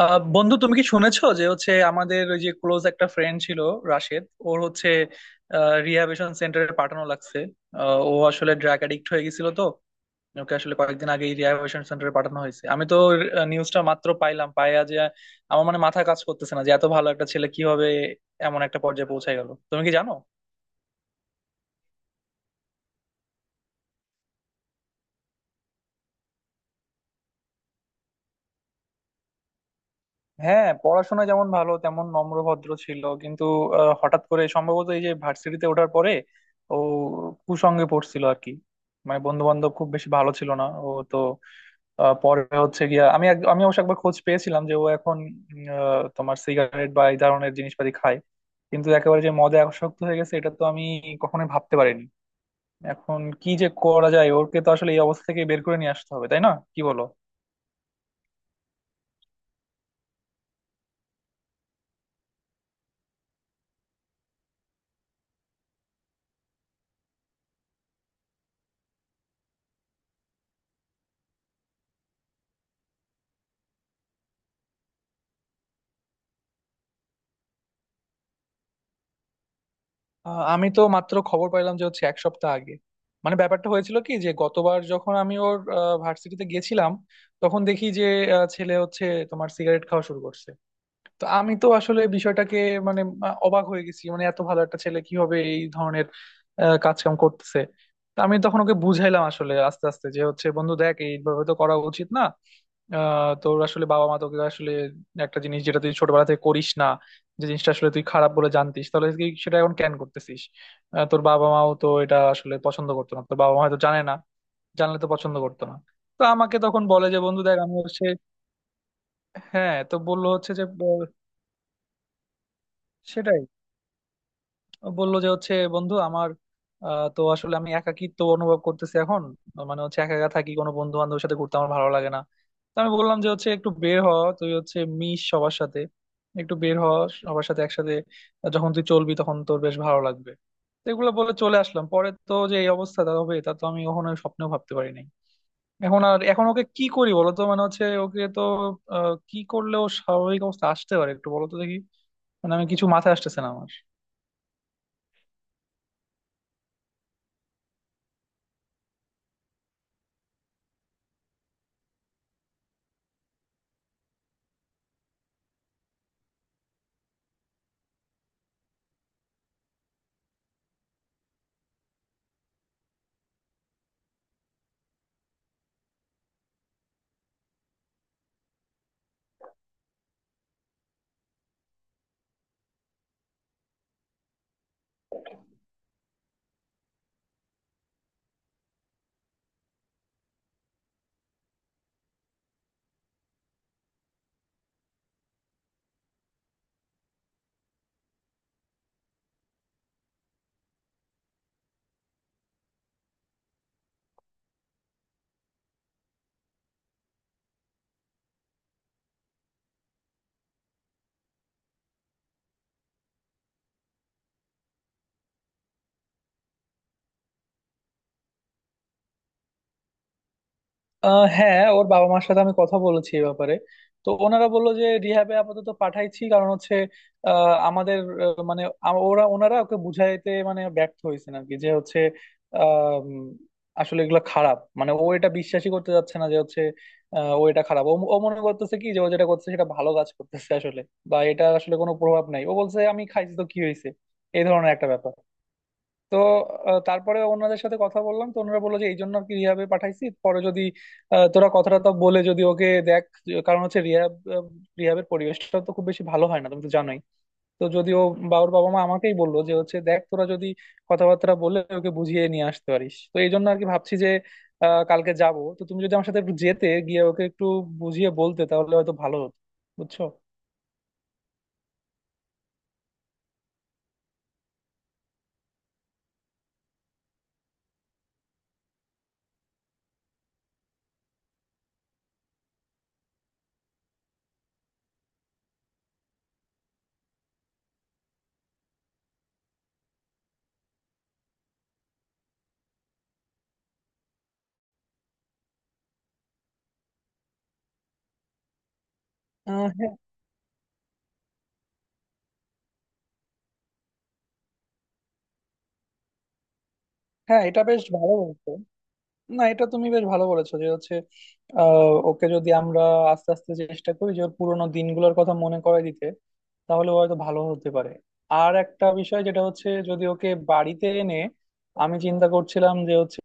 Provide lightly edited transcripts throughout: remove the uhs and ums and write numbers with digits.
বন্ধু, তুমি কি শুনেছো যে হচ্ছে আমাদের ওই যে ক্লোজ একটা ফ্রেন্ড ছিল রাশেদ? ওর হচ্ছে রিহ্যাবিলিটেশন সেন্টারে পাঠানো লাগছে। ও আসলে ড্রাগ অ্যাডিক্ট হয়ে গেছিল তো। ওকে আসলে কয়েকদিন আগে রিহ্যাবিলিটেশন সেন্টারে পাঠানো হয়েছে। আমি তো নিউজটা মাত্র পাইয়া যে আমার মানে মাথা কাজ করতেছে না, যে এত ভালো একটা ছেলে কিভাবে এমন একটা পর্যায়ে পৌঁছে গেল। তুমি কি জানো? হ্যাঁ, পড়াশোনা যেমন ভালো তেমন নম্র ভদ্র ছিল, কিন্তু হঠাৎ করে সম্ভবত এই যে ভার্সিটিতে ওঠার পরে ও কুসঙ্গে পড়ছিল আর কি। মানে বন্ধু বান্ধব খুব বেশি ভালো ছিল না ও তো। পরে হচ্ছে গিয়া আমি অবশ্য একবার খোঁজ পেয়েছিলাম যে ও এখন তোমার সিগারেট বা এই ধরনের জিনিসপাতি খায়, কিন্তু একেবারে যে মদে আসক্ত হয়ে গেছে এটা তো আমি কখনোই ভাবতে পারিনি। এখন কি যে করা যায়? ওকে তো আসলে এই অবস্থা থেকে বের করে নিয়ে আসতে হবে, তাই না? কি বলো? আমি তো মাত্র খবর পাইলাম, যে হচ্ছে এক সপ্তাহ আগে মানে ব্যাপারটা হয়েছিল কি, যে গতবার যখন আমি ওর ভার্সিটিতে গেছিলাম তখন দেখি যে ছেলে হচ্ছে তোমার সিগারেট খাওয়া শুরু করছে। তো আমি তো আসলে বিষয়টাকে মানে অবাক হয়ে গেছি। মানে এত ভালো একটা ছেলে কিভাবে এই ধরনের কাজকাম করতেছে। তো আমি তখন ওকে বুঝাইলাম আসলে আস্তে আস্তে, যে হচ্ছে বন্ধু দেখ এইভাবে তো করা উচিত না। তোর আসলে বাবা মা তোকে আসলে একটা জিনিস যেটা তুই ছোটবেলা থেকে করিস না, যে জিনিসটা আসলে তুই খারাপ বলে জানতিস, তাহলে কি সেটা এখন ক্যান করতেছিস? তোর বাবা মাও তো এটা আসলে পছন্দ করতো না। তোর বাবা মা হয়তো জানে না, জানলে তো পছন্দ করতো না। তো আমাকে তখন বলে যে বন্ধু দেখ আমি হচ্ছে... হ্যাঁ, তো বললো হচ্ছে যে সেটাই, বললো যে হচ্ছে বন্ধু আমার তো আসলে আমি একাকিত্ব অনুভব করতেছি এখন। মানে হচ্ছে একা একা থাকি, কোনো বন্ধু বান্ধবের সাথে ঘুরতে আমার ভালো লাগে না। তো আমি বললাম যে হচ্ছে একটু বের হ, তুই হচ্ছে মিশ সবার সাথে, একটু বের হ সবার সাথে একসাথে। যখন তুই চলবি তখন তোর বেশ ভালো লাগবে। তো এগুলো বলে চলে আসলাম, পরে তো যে এই অবস্থা তা হবে তা তো আমি কখনো স্বপ্নেও ভাবতে পারি নাই। এখন ওকে কি করি বলো তো? মানে হচ্ছে ওকে তো কি করলে ও স্বাভাবিক অবস্থা আসতে পারে একটু বলো তো দেখি। মানে আমি কিছু মাথায় আসতেছে না আমার। হ্যাঁ, ওর বাবা মার সাথে আমি কথা বলেছি এই ব্যাপারে। তো ওনারা বললো যে রিহ্যাবে আপাতত পাঠাইছি, কারণ হচ্ছে আমাদের আহ, মানে আম- ওরা ওনারা ওকে বুঝাইতে মানে ব্যর্থ হয়েছেন আর কি, যে হচ্ছে আহ, উম, আসলে এগুলো খারাপ। মানে ও এটা বিশ্বাসই করতে যাচ্ছে না, যে হচ্ছে ও এটা খারাপ। ও ও মনে করতেছে কি, যে ও যেটা করতেছে সেটা ভালো কাজ করতেছে আসলে। বা এটা আসলে কোনো প্রভাব নাই, ও বলছে আমি খাইছি তো কি হয়েছে, এই ধরনের একটা ব্যাপার। তো তারপরে ওনাদের সাথে কথা বললাম। তো ওনারা বললো যে এই জন্য আর কি রিহাবে পাঠাইছি, পরে যদি তোরা কথাটা তো বলে যদি ওকে দেখ, কারণ হচ্ছে রিহাবের পরিবেশটা তো খুব বেশি ভালো হয় না, তুমি তো জানোই। তো যদি ও বাবুর বাবা মা আমাকেই বললো যে হচ্ছে দেখ তোরা যদি কথাবার্তা বলে ওকে বুঝিয়ে নিয়ে আসতে পারিস, তো এই জন্য আর কি ভাবছি যে কালকে যাব, তো তুমি যদি আমার সাথে একটু যেতে গিয়ে ওকে একটু বুঝিয়ে বলতে, তাহলে হয়তো ভালো হতো। বুঝছো? হ্যাঁ, হ্যাঁ, এটা বেশ ভালো বলতো। না, এটা তুমি বেশ ভালো বলেছো, যে হচ্ছে ওকে যদি আমরা আস্তে আস্তে চেষ্টা করি যে ওর পুরোনো দিনগুলোর কথা মনে করায় দিতে, তাহলে ও হয়তো ভালো হতে পারে। আর একটা বিষয় যেটা হচ্ছে যদি ওকে বাড়িতে এনে... আমি চিন্তা করছিলাম যে হচ্ছে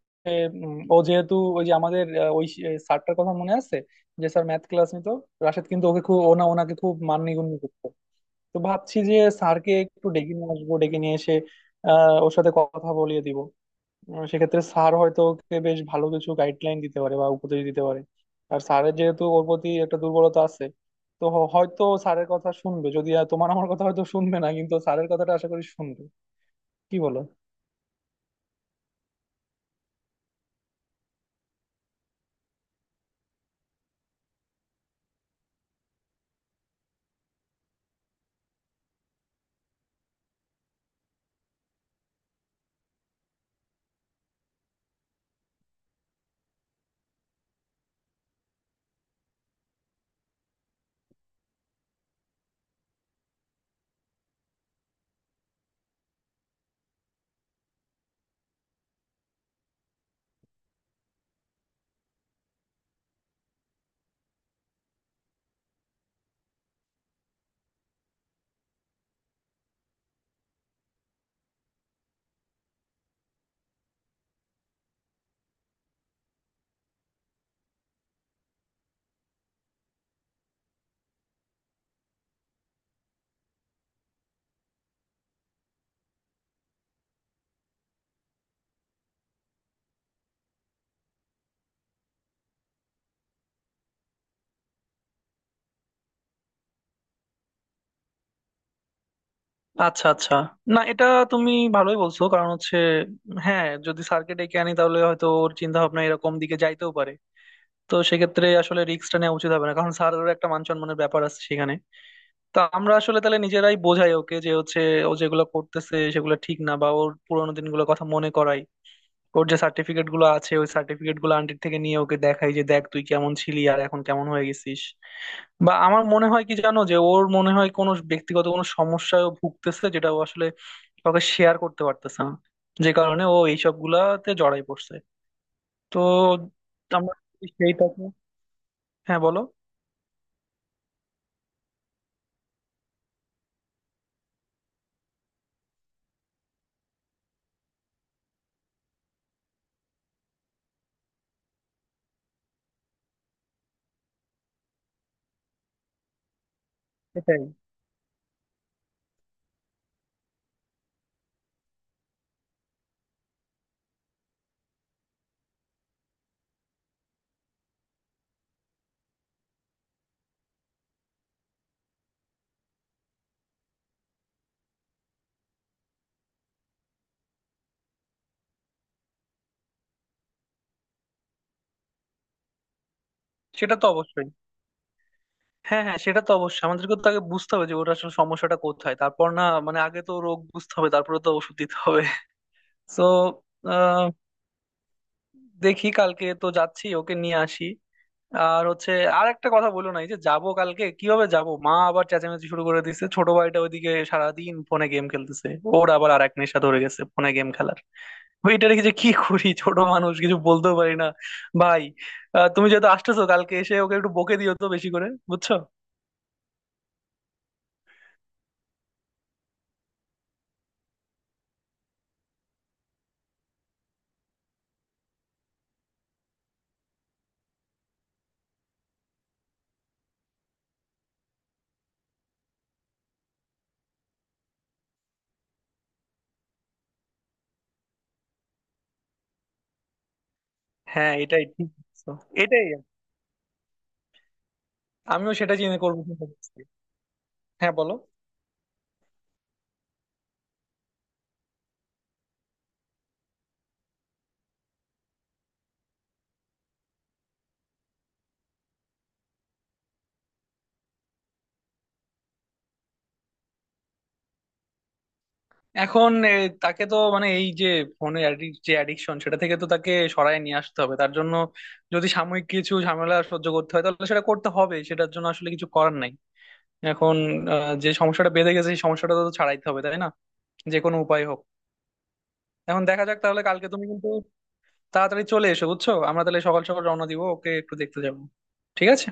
ও যেহেতু ওই যে আমাদের ওই স্যারটার কথা মনে আছে, যে স্যার ম্যাথ ক্লাস নিত? রাশেদ কিন্তু ওকে খুব ওনাকে খুব মাননিগুণ্য করতো। তো ভাবছি যে স্যারকে একটু ডেকে নিয়ে আসবো, ডেকে নিয়ে এসে ওর সাথে কথা বলিয়ে দিব। সেক্ষেত্রে স্যার হয়তো ওকে বেশ ভালো কিছু গাইডলাইন দিতে পারে বা উপদেশ দিতে পারে। আর স্যারের যেহেতু ওর প্রতি একটা দুর্বলতা আছে, তো হয়তো স্যারের কথা শুনবে। যদি আর তোমার আমার কথা হয়তো শুনবে না, কিন্তু স্যারের কথাটা আশা করি শুনবে। কি বলো? আচ্ছা, আচ্ছা। না, এটা তুমি ভালোই বলছো, কারণ হচ্ছে হ্যাঁ, যদি স্যারকে ডেকে আনি তাহলে হয়তো ওর চিন্তা ভাবনা এরকম দিকে যাইতেও পারে। তো সেক্ষেত্রে আসলে রিস্কটা নেওয়া উচিত হবে না, কারণ স্যারেরও একটা মান সম্মানের ব্যাপার আছে সেখানে। তা আমরা আসলে তাহলে নিজেরাই বোঝাই ওকে, যে হচ্ছে ও যেগুলো করতেছে সেগুলো ঠিক না, বা ওর পুরোনো দিনগুলোর কথা মনে করাই। ওর যে সার্টিফিকেট গুলো আছে, ওই সার্টিফিকেট গুলো আন্টির থেকে নিয়ে ওকে দেখাই, যে দেখ তুই কেমন ছিলি আর এখন কেমন হয়ে গেছিস। বা আমার মনে হয় কি জানো, যে ওর মনে হয় কোনো ব্যক্তিগত কোনো সমস্যায় ও ভুগতেছে, যেটা ও আসলে কাউকে শেয়ার করতে পারতেছে না, যে কারণে ও এইসব গুলাতে জড়াই পড়ছে। তো আমরা যদি সেইটাকে... হ্যাঁ, বলো। সেটাই। সেটা তো অবশ্যই। হ্যাঁ, হ্যাঁ, সেটা তো অবশ্যই। আমাদেরকে তো আগে বুঝতে হবে যে ওটা আসলে সমস্যাটা কোথায়, তারপর না মানে আগে তো রোগ বুঝতে হবে, তারপরে তো ওষুধ দিতে হবে। তো দেখি, কালকে তো যাচ্ছি, ওকে নিয়ে আসি। আর হচ্ছে আর একটা কথা বলো না, এই যে যাবো কালকে, কিভাবে যাবো মা আবার চেঁচামেচি শুরু করে দিছে। ছোট ভাইটা ওইদিকে সারাদিন ফোনে গেম খেলতেছে। ওর আবার আর এক নেশা ধরে গেছে ফোনে গেম খেলার। ওইটা রেখে যে কি করি, ছোট মানুষ কিছু বলতেও পারি না। ভাই, তুমি যেহেতু আসতেছো কালকে এসে ওকে একটু বকে দিও তো বেশি করে। বুঝছো? হ্যাঁ, এটাই ঠিক। বলছো। এটাই। আমিও সেটা চিন্তা করছি। হ্যাঁ, বলো। এখন তাকে তো মানে এই যে ফোনে যে অ্যাডিকশন সেটা থেকে তো তাকে সরায় নিয়ে আসতে হবে। তার জন্য যদি সাময়িক কিছু ঝামেলা সহ্য করতে হয় তাহলে সেটা করতে হবে, সেটার জন্য আসলে কিছু করার নাই। এখন যে সমস্যাটা বেঁধে গেছে সেই সমস্যাটা তো ছাড়াইতে হবে, তাই না? যে কোনো উপায় হোক। এখন দেখা যাক। তাহলে কালকে তুমি কিন্তু তাড়াতাড়ি চলে এসো, বুঝছো? আমরা তাহলে সকাল সকাল রওনা দিব, ওকে একটু দেখতে যাবো। ঠিক আছে?